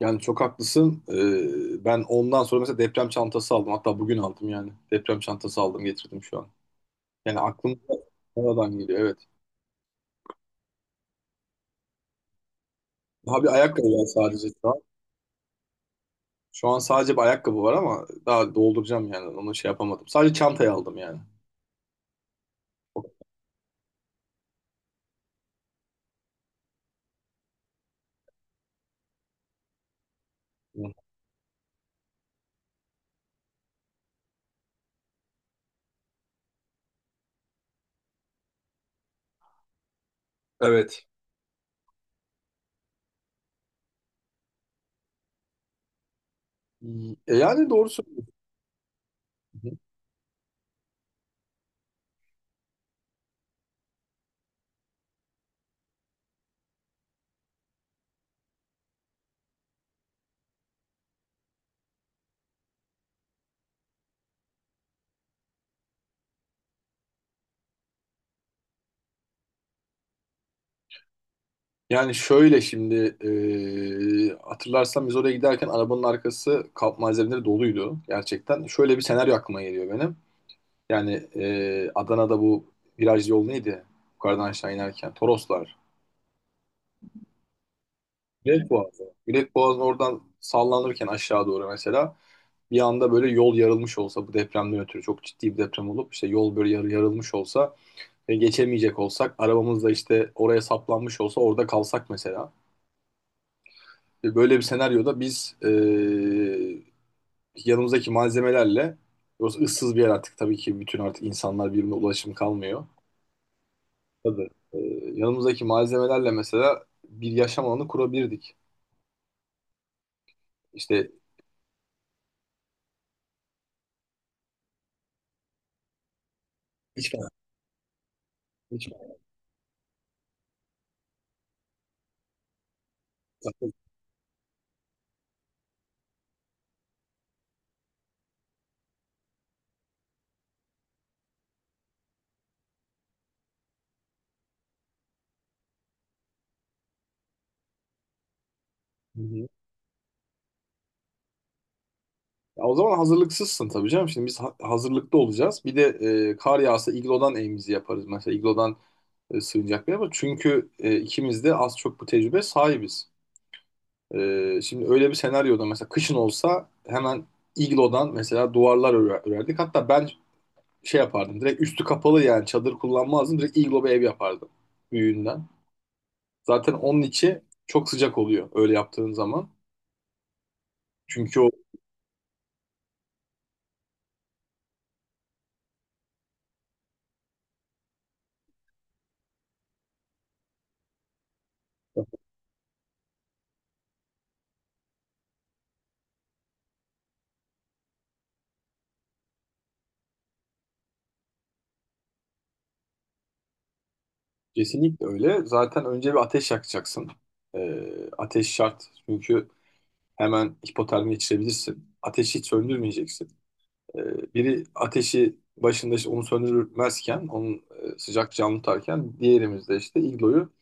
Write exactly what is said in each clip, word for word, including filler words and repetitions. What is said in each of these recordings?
Yani çok haklısın. Ee, ben ondan sonra mesela deprem çantası aldım. Hatta bugün aldım yani. Deprem çantası aldım, getirdim şu an. Yani aklımda oradan geliyor, evet. Daha bir ayakkabı var sadece şu an. Şu an sadece bir ayakkabı var ama daha dolduracağım yani. Onu şey yapamadım. Sadece çantayı aldım yani. Hı. Evet. E, yani doğru söylüyorsun. Hı hı. Yani şöyle şimdi, e, hatırlarsan biz oraya giderken arabanın arkası kamp malzemeleri doluydu gerçekten. Şöyle bir senaryo aklıma geliyor benim. Yani e, Adana'da bu viraj yol neydi? Yukarıdan aşağı inerken. Toroslar. Gület Boğazı. Gület Boğazı'nın oradan sallanırken aşağı doğru mesela bir anda böyle yol yarılmış olsa, bu depremden ötürü çok ciddi bir deprem olup işte yol böyle yarı yarılmış olsa ve geçemeyecek olsak arabamızla, işte oraya saplanmış olsa, orada kalsak mesela. Ve böyle bir senaryoda biz, e, yanımızdaki malzemelerle... Burası ıssız bir yer artık. Tabii ki bütün artık insanlar birbirine ulaşım kalmıyor. Tabii. Ee, yanımızdaki malzemelerle mesela bir yaşam alanı kurabilirdik. İşte... Hiç ben. Hiç ben. Hı hı. Ya, o zaman hazırlıksızsın tabii canım. Şimdi biz ha- hazırlıklı olacağız. Bir de e, kar yağsa iglodan evimizi yaparız. Mesela iglodan e, sığınacak bir yer var. Çünkü e, ikimiz de az çok bu tecrübe sahibiz. E, şimdi öyle bir senaryoda mesela kışın olsa hemen iglodan mesela duvarlar örer- örerdik. Hatta ben şey yapardım. Direkt üstü kapalı, yani çadır kullanmazdım. Direkt iglo bir ev yapardım, büyüğünden. Zaten onun içi çok sıcak oluyor öyle yaptığın zaman. Çünkü o... Kesinlikle öyle. Zaten önce bir ateş yakacaksın. Ee, ateş şart. Çünkü hemen hipotermi geçirebilirsin. Ateşi hiç söndürmeyeceksin. Ee, biri ateşi başında işte onu söndürmezken, onun e, sıcak canlı tutarken, diğerimizde işte igloyu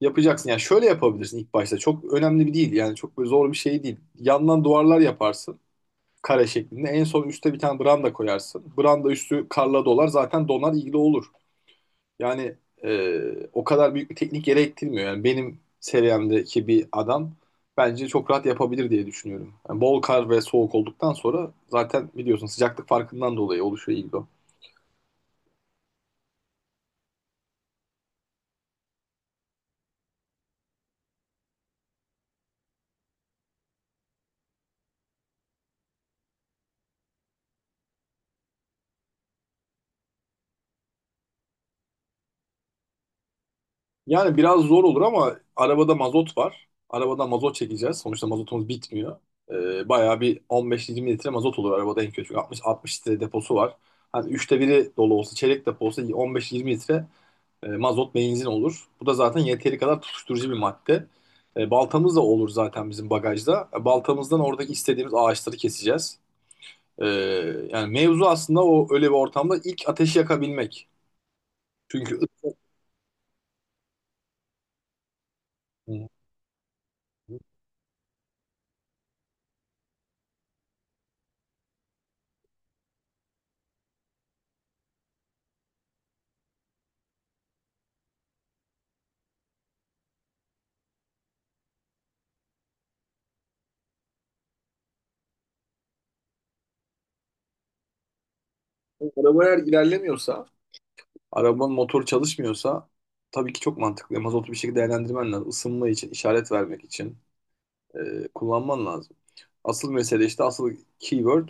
yapacaksın. Yani şöyle yapabilirsin ilk başta. Çok önemli bir değil. Yani çok böyle zor bir şey değil. Yandan duvarlar yaparsın, kare şeklinde. En son üstte bir tane branda koyarsın. Branda üstü karla dolar. Zaten donar, ilgili olur. Yani e, o kadar büyük bir teknik gerektirmiyor. Yani benim seviyemdeki bir adam bence çok rahat yapabilir diye düşünüyorum. Yani bol kar ve soğuk olduktan sonra zaten biliyorsun, sıcaklık farkından dolayı oluşuyor iglo. Yani biraz zor olur ama arabada mazot var. Arabadan mazot çekeceğiz. Sonuçta mazotumuz bitmiyor. Ee, bayağı bir 15-20 litre mazot olur arabada en kötü. 60-60 litre deposu var. Hani üçte biri dolu olsa, çeyrek depo olsa 15-20 litre e, mazot benzin olur. Bu da zaten yeteri kadar tutuşturucu bir madde. E, baltamız da olur zaten bizim bagajda. E, baltamızdan oradaki istediğimiz ağaçları keseceğiz. E, Yani mevzu aslında o, öyle bir ortamda ilk ateşi yakabilmek. Çünkü... Hı. Araba eğer ilerlemiyorsa, arabanın motoru çalışmıyorsa tabii ki çok mantıklı. Mazotu bir şekilde değerlendirmen lazım. Isınma için, işaret vermek için e, kullanman lazım. Asıl mesele işte, asıl keyword,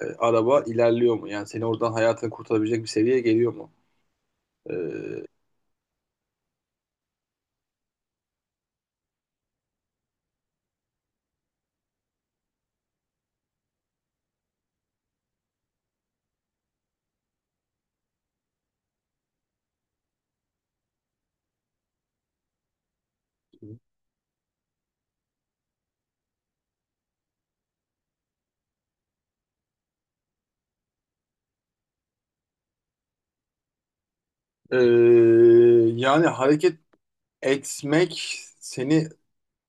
e, araba ilerliyor mu? Yani seni oradan hayatını kurtarabilecek bir seviyeye geliyor mu? E, e, Yani hareket etmek seni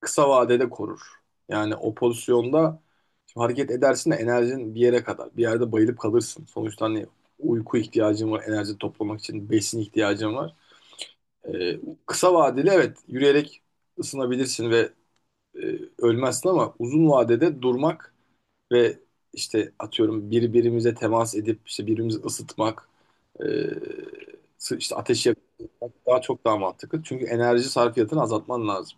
kısa vadede korur. Yani o pozisyonda şimdi hareket edersin de enerjin bir yere kadar. Bir yerde bayılıp kalırsın. Sonuçta hani uyku ihtiyacın var, enerji toplamak için besin ihtiyacın var. Ee, Kısa vadeli evet, yürüyerek ısınabilirsin ve e, ölmezsin ama uzun vadede durmak ve işte, atıyorum, birbirimize temas edip işte birbirimizi ısıtmak, e, sı- işte ateş yakmak daha çok daha mantıklı. Çünkü enerji sarfiyatını azaltman lazım.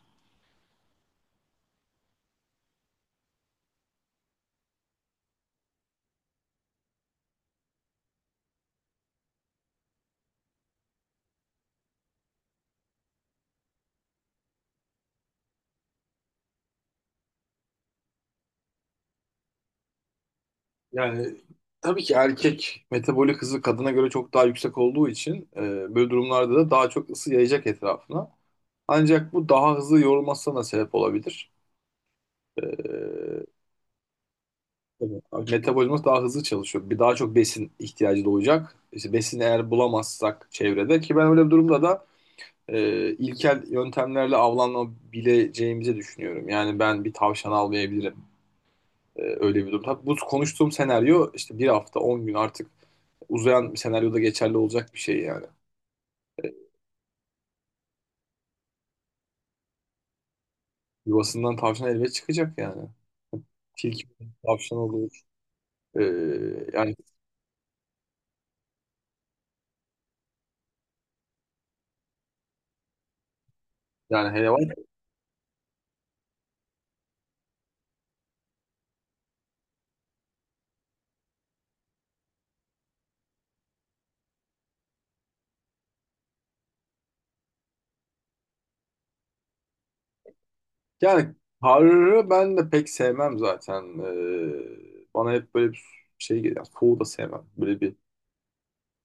Yani tabii ki erkek metabolik hızı kadına göre çok daha yüksek olduğu için e, böyle durumlarda da daha çok ısı yayacak etrafına. Ancak bu daha hızlı yorulmasına da sebep olabilir. E, Tabii. Abi, metabolizması daha hızlı çalışıyor. Bir daha çok besin ihtiyacı doğacak. İşte besini eğer bulamazsak çevrede, ki ben öyle bir durumda da e, ilkel yöntemlerle avlanabileceğimizi düşünüyorum. Yani ben bir tavşan almayabilirim. E, öyle bir durumda. Bu konuştuğum senaryo işte bir hafta on gün, artık uzayan bir senaryoda geçerli olacak bir şey yani. Yuvasından tavşan elbet çıkacak yani. Tilki, tavşan olur. E, yani yani hayvan... Yani harırı ben de pek sevmem zaten. Ee, bana hep böyle bir şey geliyor. Yani soğuğu da sevmem. Böyle bir...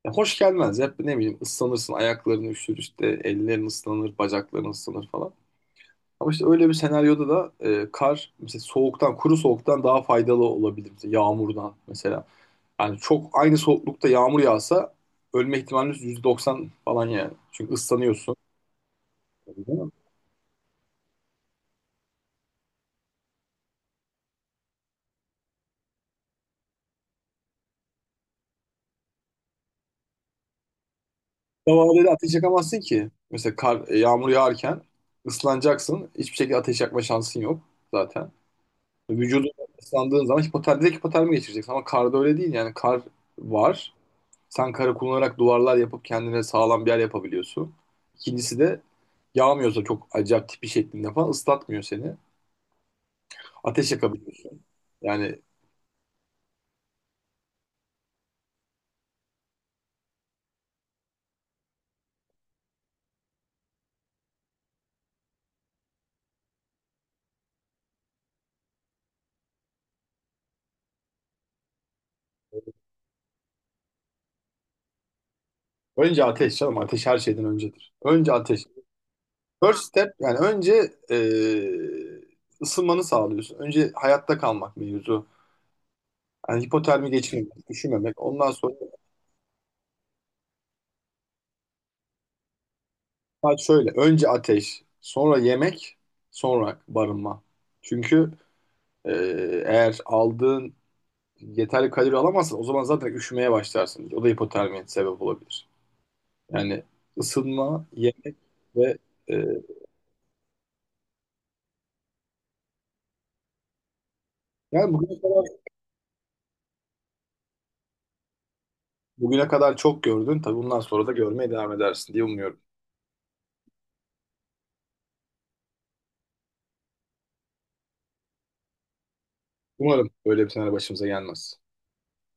Ya, hoş gelmez. Hep ne bileyim, ıslanırsın. Ayakların üşür işte. Ellerin ıslanır. Bacakların ıslanır falan. Ama işte öyle bir senaryoda da e, kar mesela soğuktan, kuru soğuktan daha faydalı olabilir. Mesela yağmurdan mesela. Yani çok aynı soğuklukta yağmur yağsa ölme ihtimaliniz yüzde doksan falan yani. Çünkü ıslanıyorsun. Davaleyle ateş yakamazsın ki. Mesela kar, e, yağmur yağarken ıslanacaksın. Hiçbir şekilde ateş yakma şansın yok zaten. Vücudun ıslandığın zaman hipotermi, direkt hipotermi geçireceksin. Ama karda öyle değil yani. Kar var. Sen karı kullanarak duvarlar yapıp kendine sağlam bir yer yapabiliyorsun. İkincisi de yağmıyorsa çok acayip tipi şeklinde falan, ıslatmıyor seni. Ateş yakabiliyorsun. Yani önce ateş canım. Ateş her şeyden öncedir. Önce ateş. First step yani, önce e, ısınmanı sağlıyorsun. Önce hayatta kalmak mevzu. Yani hipotermi geçirmemek, üşümemek. Ondan sonra saat şöyle: önce ateş, sonra yemek, sonra barınma. Çünkü e, eğer aldığın yeterli kalori alamazsan o zaman zaten üşümeye başlarsın. O da hipotermiye sebep olabilir. Yani ısınma, yemek ve... e, Yani bugüne kadar, bugüne kadar çok gördün. Tabii bundan sonra da görmeye devam edersin diye umuyorum. Umarım böyle bir senaryo başımıza gelmez.